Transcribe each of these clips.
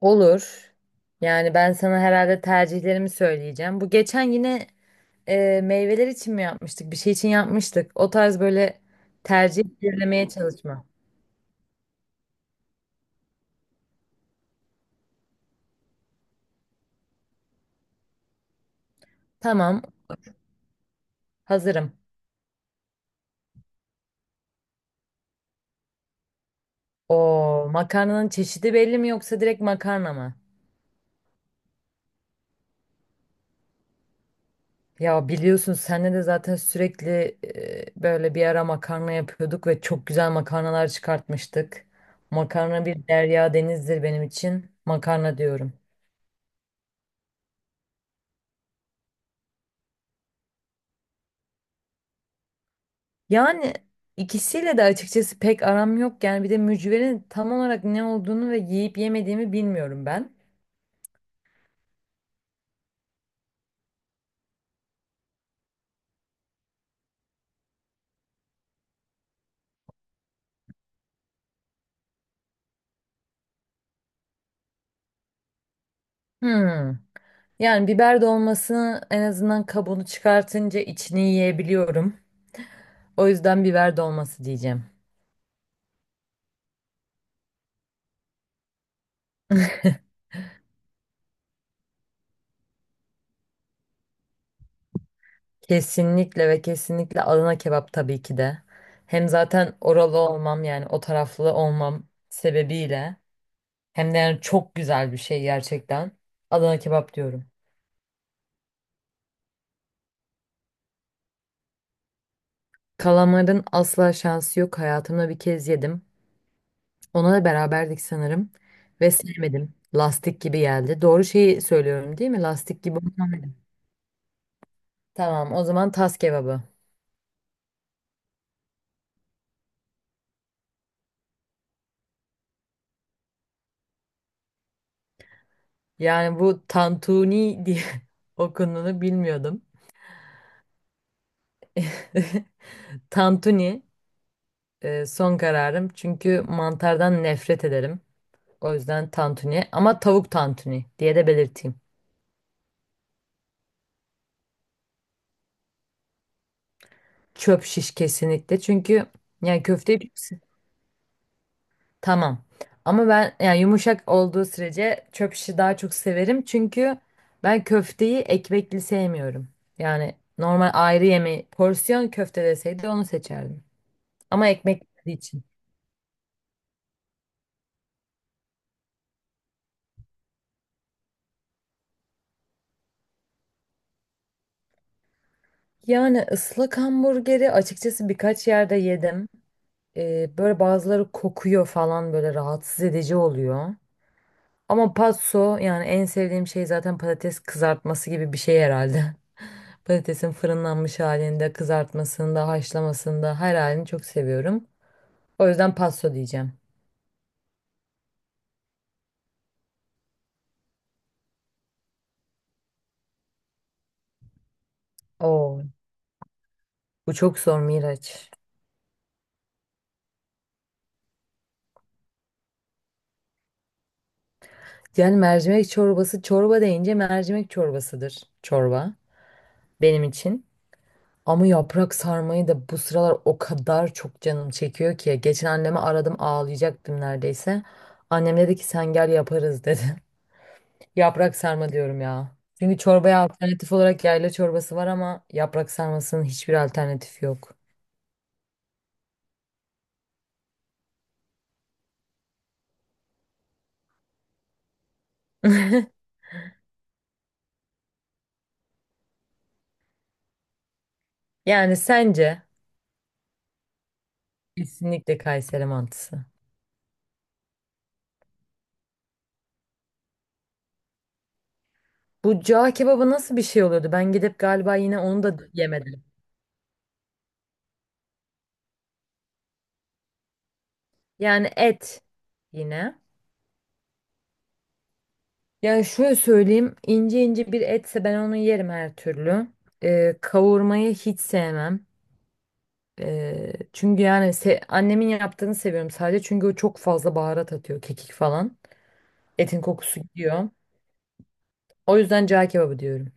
Olur. Yani ben sana herhalde tercihlerimi söyleyeceğim. Bu geçen yine meyveler için mi yapmıştık? Bir şey için yapmıştık. O tarz böyle tercih belirlemeye çalışma. Tamam, hazırım. O makarnanın çeşidi belli mi yoksa direkt makarna mı? Ya biliyorsun senle de zaten sürekli böyle bir ara makarna yapıyorduk ve çok güzel makarnalar çıkartmıştık. Makarna bir derya denizdir benim için. Makarna diyorum. Yani ikisiyle de açıkçası pek aram yok. Yani bir de mücverin tam olarak ne olduğunu ve yiyip yemediğimi bilmiyorum ben. Hmm. Yani biber dolmasını en azından kabuğunu çıkartınca içini yiyebiliyorum. O yüzden biber dolması diyeceğim. Kesinlikle ve kesinlikle Adana kebap tabii ki de. Hem zaten oralı olmam yani o taraflı olmam sebebiyle. Hem de yani çok güzel bir şey gerçekten. Adana kebap diyorum. Kalamarın asla şansı yok. Hayatımda bir kez yedim. Ona da beraberdik sanırım. Ve sevmedim. Lastik gibi geldi. Doğru şeyi söylüyorum değil mi? Lastik gibi. Tamam o zaman tas kebabı. Yani bu tantuni diye okunduğunu bilmiyordum. Tantuni son kararım. Çünkü mantardan nefret ederim. O yüzden tantuni. Ama tavuk tantuni diye de belirteyim. Çöp şiş kesinlikle. Çünkü yani köfteyi çok. Tamam. Ama ben yani yumuşak olduğu sürece çöp işi daha çok severim. Çünkü ben köfteyi ekmekli sevmiyorum. Yani normal ayrı yemeği porsiyon köfte deseydi onu seçerdim. Ama ekmekli olduğu için. Yani ıslak hamburgeri açıkçası birkaç yerde yedim. Böyle bazıları kokuyor falan böyle rahatsız edici oluyor. Ama patso yani en sevdiğim şey zaten patates kızartması gibi bir şey herhalde. Patatesin fırınlanmış halinde, kızartmasında, haşlamasında her halini çok seviyorum. O yüzden pasto diyeceğim. Oo, bu çok zor Miraç. Yani mercimek çorbası, çorba deyince mercimek çorbasıdır çorba benim için. Ama yaprak sarmayı da bu sıralar o kadar çok canım çekiyor ki. Geçen anneme aradım ağlayacaktım neredeyse. Annem dedi ki sen gel yaparız dedi. Yaprak sarma diyorum ya. Çünkü çorbaya alternatif olarak yayla çorbası var ama yaprak sarmasının hiçbir alternatifi yok. Yani sence kesinlikle Kayseri mantısı. Bu cağ kebabı nasıl bir şey oluyordu? Ben gidip galiba yine onu da yemedim. Yani et yine. Yani şöyle söyleyeyim ince ince bir etse ben onu yerim her türlü. Kavurmayı hiç sevmem. Çünkü yani annemin yaptığını seviyorum sadece çünkü o çok fazla baharat atıyor kekik falan. Etin kokusu gidiyor. O yüzden cağ kebabı diyorum.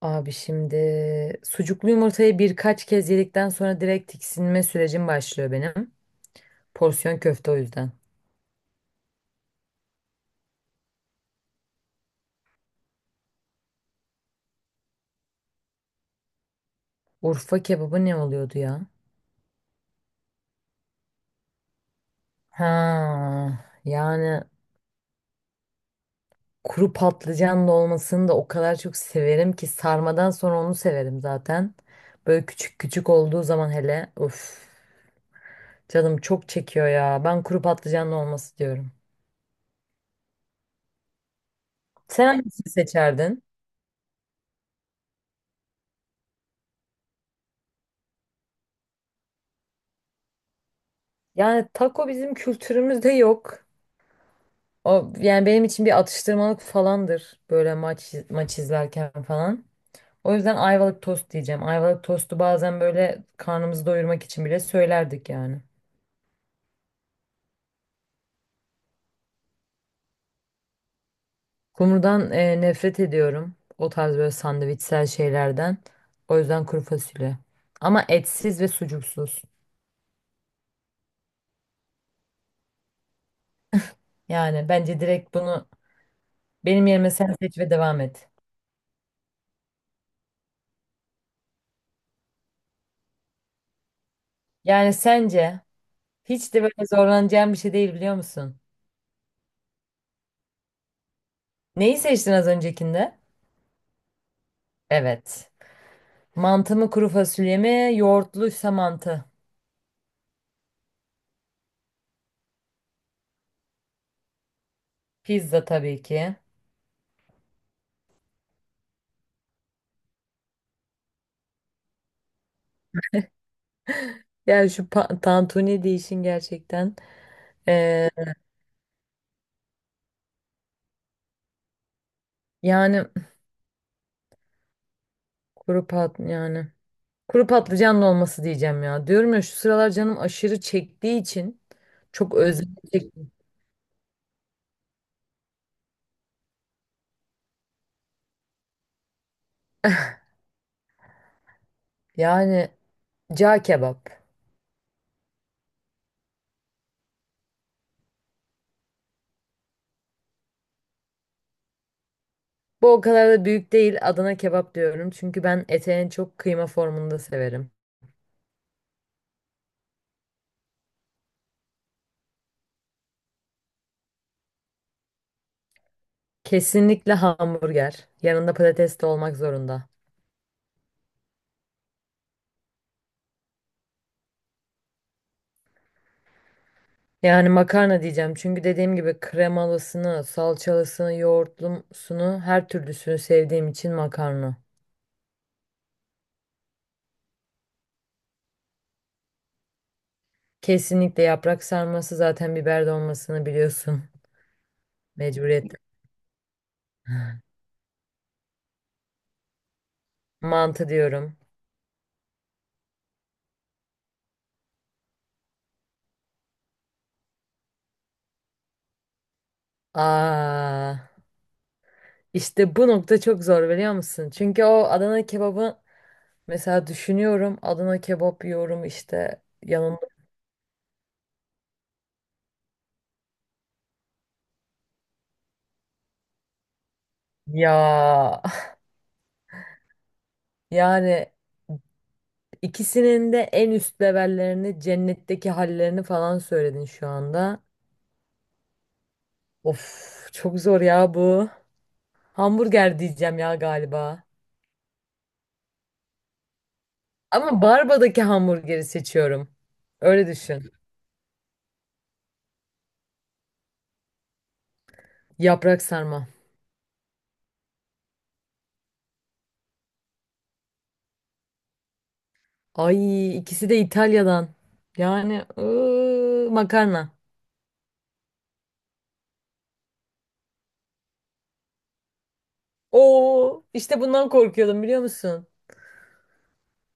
Abi şimdi sucuklu yumurtayı birkaç kez yedikten sonra direkt tiksinme sürecim başlıyor benim. Porsiyon köfte o yüzden. Urfa kebabı ne oluyordu ya? Ha, yani kuru patlıcanlı olmasını da o kadar çok severim ki sarmadan sonra onu severim zaten. Böyle küçük küçük olduğu zaman hele uf canım çok çekiyor ya. Ben kuru patlıcanlı olması diyorum. Sen hangisini seçerdin? Yani taco bizim kültürümüzde yok. O yani benim için bir atıştırmalık falandır böyle maç maç izlerken falan. O yüzden Ayvalık tost diyeceğim. Ayvalık tostu bazen böyle karnımızı doyurmak için bile söylerdik yani. Kumrudan nefret ediyorum. O tarz böyle sandviçsel şeylerden. O yüzden kuru fasulye. Ama etsiz ve sucuksuz. Yani bence direkt bunu benim yerime sen seç ve devam et. Yani sence hiç de böyle zorlanacağım bir şey değil biliyor musun? Neyi seçtin az öncekinde? Evet. Mantı mı kuru fasulye mi? Yoğurtluysa mantı. Pizza tabii ki. Yani şu tantuni deyişin gerçekten. Ee, yani kuru pat yani. Kuru patlıcanlı olması diyeceğim ya. Diyorum ya şu sıralar canım aşırı çektiği için çok özlem çektim. Yani cağ kebap. Bu o kadar da büyük değil. Adana kebap diyorum. Çünkü ben ete en çok kıyma formunda severim. Kesinlikle hamburger. Yanında patates de olmak zorunda. Yani makarna diyeceğim. Çünkü dediğim gibi kremalısını, salçalısını, yoğurtlusunu, her türlüsünü sevdiğim için makarna. Kesinlikle yaprak sarması zaten biber dolmasını biliyorsun. Mecburiyet. Mantı diyorum. Aa, işte bu nokta çok zor biliyor musun? Çünkü o Adana kebabı mesela düşünüyorum. Adana kebap yiyorum işte yanında. Ya yani ikisinin de en üst levellerini, cennetteki hallerini falan söyledin şu anda. Of çok zor ya bu. Hamburger diyeceğim ya galiba. Ama Barba'daki hamburgeri seçiyorum. Öyle düşün. Yaprak sarma. Ay ikisi de İtalya'dan. Yani makarna. Oo işte bundan korkuyordum biliyor musun?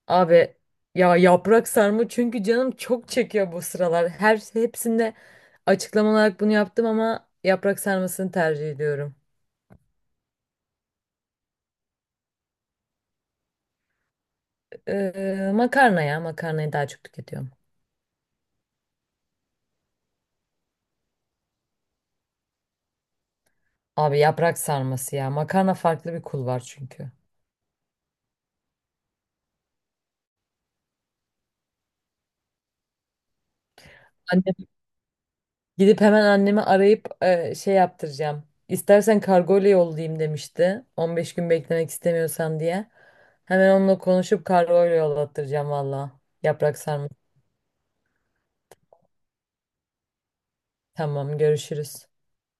Abi ya yaprak sarma çünkü canım çok çekiyor bu sıralar. Her hepsinde açıklama olarak bunu yaptım ama yaprak sarmasını tercih ediyorum. Makarna ya makarnayı daha çok tüketiyorum. Abi yaprak sarması ya. Makarna farklı bir kul var çünkü. Annem, gidip hemen annemi arayıp şey yaptıracağım. İstersen kargoyla yollayayım demişti. 15 gün beklemek istemiyorsan diye. Hemen onunla konuşup kargoyla yollattıracağım valla. Yaprak sarması. Tamam görüşürüz.